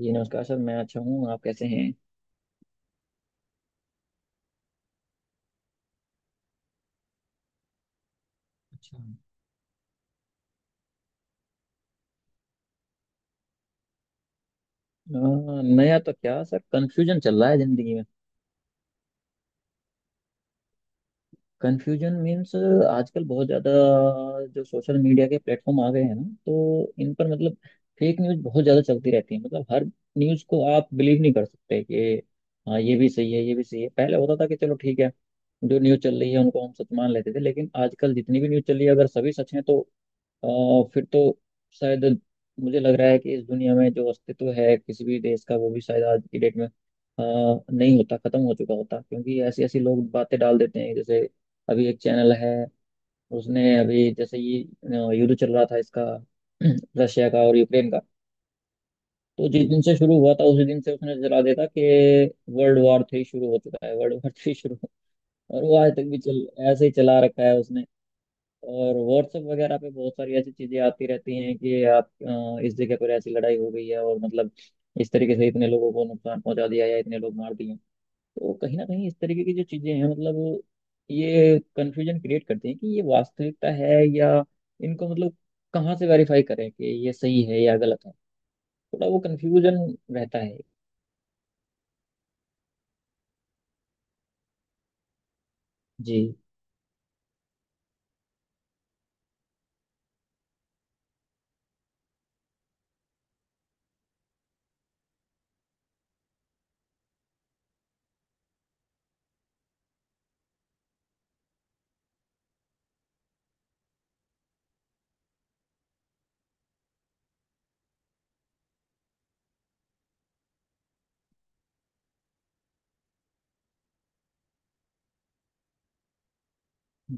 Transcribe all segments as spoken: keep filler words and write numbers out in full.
जी नमस्कार सर मैं अच्छा हूँ आप कैसे हैं। अच्छा। अ, नया तो क्या सर कंफ्यूजन चल रहा है जिंदगी में। कंफ्यूजन मीन्स आजकल बहुत ज्यादा जो सोशल मीडिया के प्लेटफॉर्म आ गए हैं ना, तो इन पर मतलब फेक न्यूज बहुत ज्यादा चलती रहती है। मतलब हर न्यूज को आप बिलीव नहीं कर सकते कि हाँ ये भी सही है, ये भी सही है। पहले होता था कि चलो ठीक है, जो न्यूज चल रही है उनको हम सच मान लेते थे, लेकिन आजकल जितनी भी न्यूज चल रही है अगर सभी सच है तो अ, फिर तो शायद मुझे लग रहा है कि इस दुनिया में जो अस्तित्व है किसी भी देश का वो भी शायद आज की डेट में अ, नहीं होता, खत्म हो चुका होता, क्योंकि ऐसी ऐसी लोग बातें डाल देते हैं। जैसे अभी एक चैनल है, उसने अभी जैसे ये अ, युद्ध चल रहा था इसका रशिया का और यूक्रेन का। तो जिस दिन से शुरू हुआ था उसी दिन से उसने चला देता कि वर्ल्ड वॉर थ्री शुरू हो चुका है, वर्ल्ड वॉर थ्री शुरू हो- और वो आज तक भी चल ऐसे ही चला रखा है उसने। और व्हाट्सएप वगैरह पे बहुत सारी ऐसी चीजें आती रहती हैं कि आप अ, इस जगह पर ऐसी लड़ाई हो गई है और मतलब इस तरीके से इतने लोगों को नुकसान पहुंचा दिया या इतने लोग मार दिए। तो कहीं ना कहीं इस तरीके की जो चीजें हैं मतलब ये कन्फ्यूजन क्रिएट करती हैं कि ये वास्तविकता है या इनको मतलब कहाँ से वेरीफाई करें कि ये सही है या गलत है। थोड़ा वो कन्फ्यूजन रहता है। जी।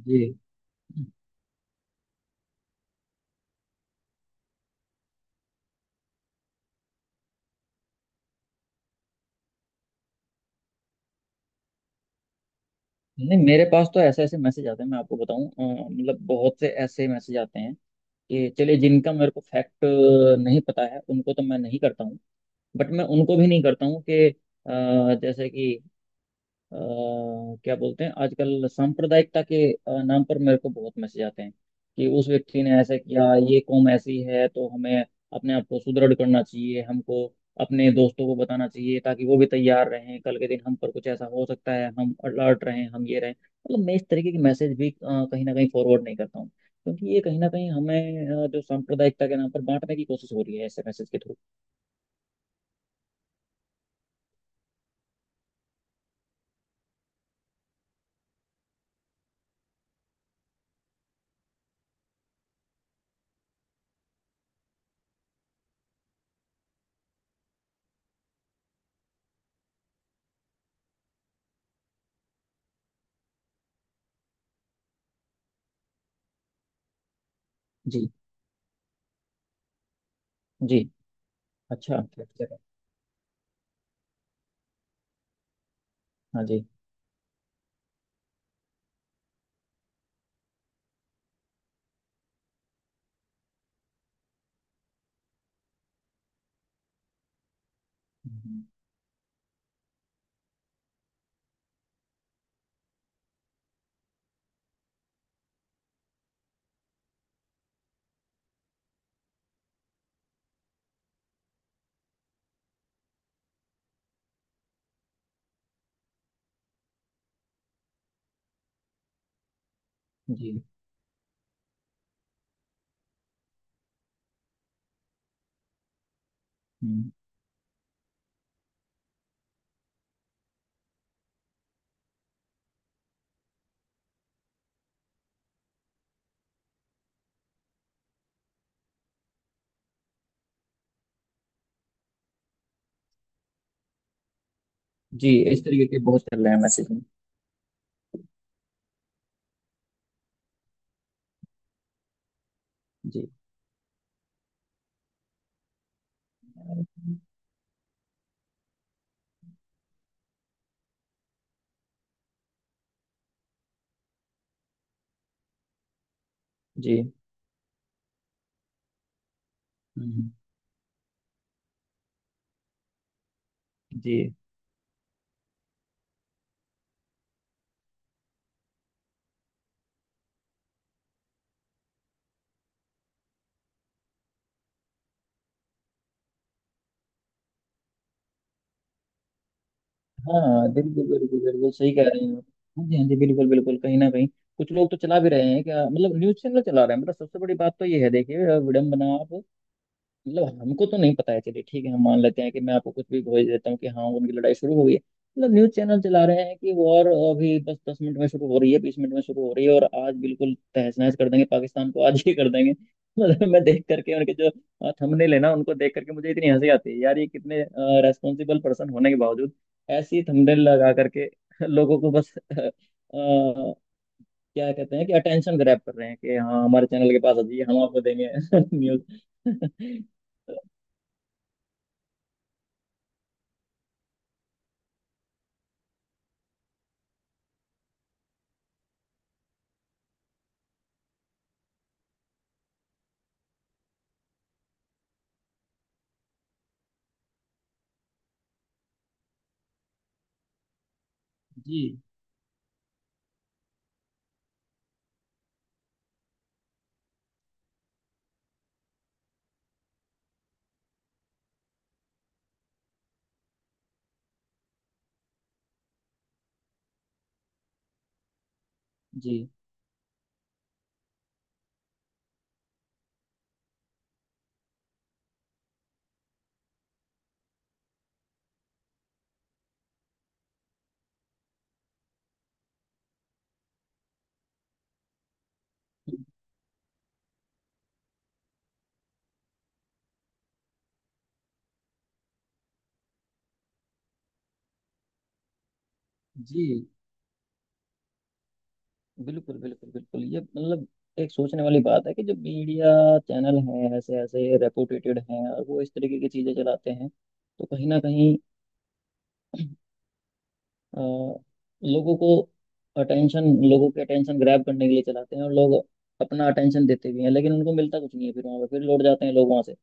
जी। नहीं मेरे पास तो ऐसे ऐसे मैसेज आते हैं, मैं आपको बताऊं, अ, मतलब बहुत से ऐसे मैसेज आते हैं। ये चलिए जिनका मेरे को फैक्ट नहीं पता है उनको तो मैं नहीं करता हूँ। बट मैं उनको भी नहीं करता हूँ कि अ, जैसे कि अ, क्या बोलते हैं आजकल सांप्रदायिकता के अ, नाम पर मेरे को बहुत मैसेज आते हैं कि उस व्यक्ति ने ऐसा किया, ये कौम ऐसी है, तो हमें अपने आप को सुदृढ़ करना चाहिए। हमको अपने दोस्तों को बताना चाहिए ताकि वो भी तैयार रहें, कल के दिन हम पर कुछ ऐसा हो सकता है, हम अलर्ट रहें, हम ये रहें। मतलब मैं इस तरीके के मैसेज भी अ, कहीं ना कहीं फॉरवर्ड नहीं करता हूँ, क्योंकि ये कहीं ना कहीं हमें अ, जो सांप्रदायिकता के नाम पर बांटने की कोशिश हो रही है ऐसे मैसेज के थ्रू। जी। जी। अच्छा अच्छा अच्छा। हाँ जी। हम्म, जी। हम्म। जी, इस तरीके के बहुत चल रहे हैं मैसेजिंग। जी। जी। हम्म, जी। हाँ बिल्कुल बिल्कुल बिल्कुल सही कह रहे हैं आप। हाँ जी, हाँ जी, बिल्कुल बिल्कुल कहीं ना कहीं कुछ लोग तो चला भी रहे हैं, क्या मतलब न्यूज़ चैनल चला रहे हैं। मतलब सबसे बड़ी बात तो ये है, देखिए विडम्बना। आप मतलब हमको तो नहीं पता है, चलिए ठीक है हम मान लेते हैं कि मैं आपको कुछ भी भेज देता हूँ कि हाँ उनकी लड़ाई शुरू हो गई है। मतलब न्यूज़ चैनल चला रहे हैं कि वॉर अभी बस दस मिनट में शुरू हो रही है, बीस मिनट में शुरू हो रही है, और आज बिल्कुल तहस नहस कर देंगे पाकिस्तान को, आज ही कर देंगे। मतलब मैं देख करके उनके जो थंबनेल है ना, उनको देख करके मुझे इतनी हंसी आती है यार, ये कितने रेस्पॉन्सिबल पर्सन होने के बावजूद ऐसी थंबनेल लगा करके लोगों को बस अ, अ, क्या कहते हैं कि अटेंशन ग्रैब कर रहे हैं कि हाँ हमारे चैनल के पास आ जाइए, हम आपको देंगे न्यूज़। जी। जी। जी बिल्कुल बिल्कुल बिल्कुल ये मतलब एक सोचने वाली बात है कि जो मीडिया चैनल हैं ऐसे ऐसे रेपुटेटेड हैं और वो इस तरीके की चीज़ें चलाते हैं, तो कहीं ना कहीं अ, लोगों को अटेंशन, लोगों के अटेंशन ग्रैब करने के लिए चलाते हैं, और लोग अपना अटेंशन देते भी हैं, लेकिन उनको मिलता कुछ नहीं है, फिर वहाँ पे फिर लौट जाते हैं लोग वहाँ से।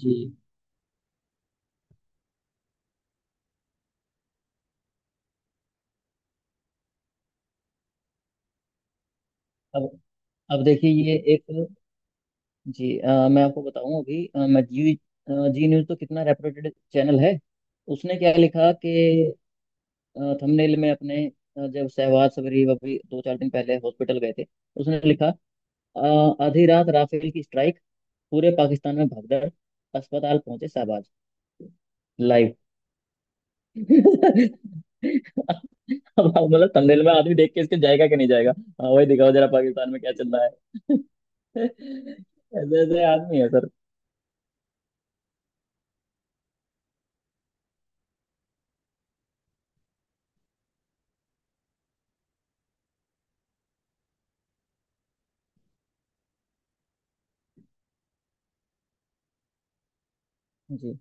जी। अब अब देखिए ये एक। जी, अ, मैं आपको बताऊं अभी अ, मैं जी अ, जी न्यूज़ तो कितना रेपुटेड चैनल है। उसने क्या लिखा कि थंबनेल में अपने, अ, जब शहबाज सबरी अभी दो चार दिन पहले हॉस्पिटल गए थे, उसने लिखा अ, आधी रात राफेल की स्ट्राइक, पूरे पाकिस्तान में भगदड़, अस्पताल पहुंचे शहबाज, लाइव। अब आप मतलब थंबनेल में आदमी देख के इसके जाएगा कि नहीं जाएगा। हाँ वही दिखाओ जरा पाकिस्तान में क्या चल रहा है। ऐसे ऐसे आदमी है सर। जी।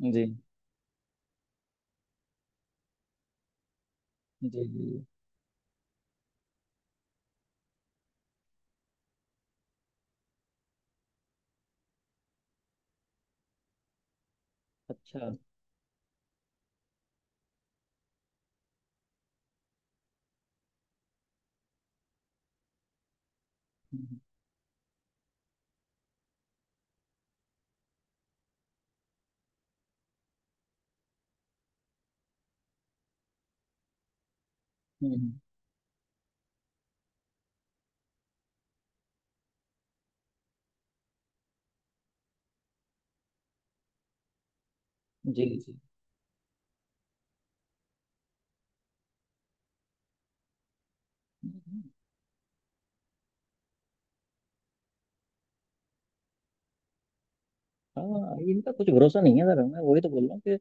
जी। जी। जी। अच्छा। हम्म। हम्म, हम्म, जी। जी। हम्म, हम्म। हाँ इनका कुछ भरोसा नहीं है सर, मैं वही तो बोल रहा हूँ कि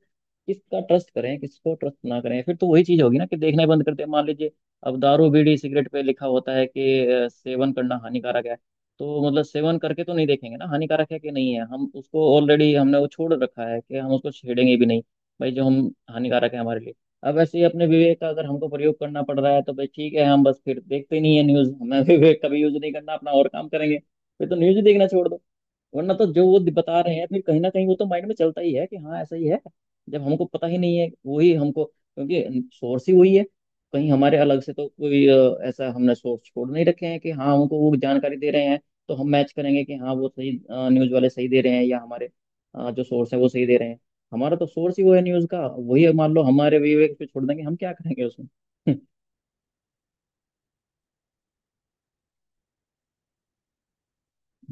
किसका ट्रस्ट करें, किसको ट्रस्ट ना करें, फिर तो वही चीज होगी ना कि देखना ही बंद करते हैं। मान लीजिए अब दारू बीड़ी सिगरेट पे लिखा होता है कि अ, सेवन करना हानिकारक है, तो मतलब सेवन करके तो नहीं देखेंगे ना हानिकारक है कि नहीं है। हम उसको ऑलरेडी, हमने वो छोड़ रखा है कि हम उसको छेड़ेंगे भी नहीं, भाई जो हम, हानिकारक है हमारे लिए। अब ऐसे ही अपने विवेक का अगर हमको प्रयोग करना पड़ रहा है तो भाई ठीक है, हम बस फिर देखते ही नहीं है न्यूज हमें। विवेक का भी यूज नहीं करना अपना और काम करेंगे, फिर तो न्यूज ही देखना छोड़ दो। वरना तो जो वो बता रहे हैं फिर कहीं ना कहीं वो तो माइंड में चलता ही है कि हाँ ऐसा ही है। जब हमको पता ही नहीं है वही हमको, क्योंकि सोर्स ही वही है, कहीं हमारे अलग से तो कोई अ, ऐसा हमने सोर्स छोड़ नहीं रखे हैं कि हाँ हमको वो जानकारी दे रहे हैं, तो हम मैच करेंगे कि हाँ वो सही, न्यूज़ वाले सही दे रहे हैं या हमारे अ, जो सोर्स है वो सही दे रहे हैं। हमारा तो सोर्स ही वो है न्यूज़ का, वही है, मान लो हमारे विवेक पे छोड़ देंगे हम क्या करेंगे उसमें।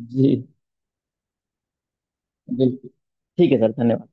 जी बिल्कुल ठीक है सर, धन्यवाद।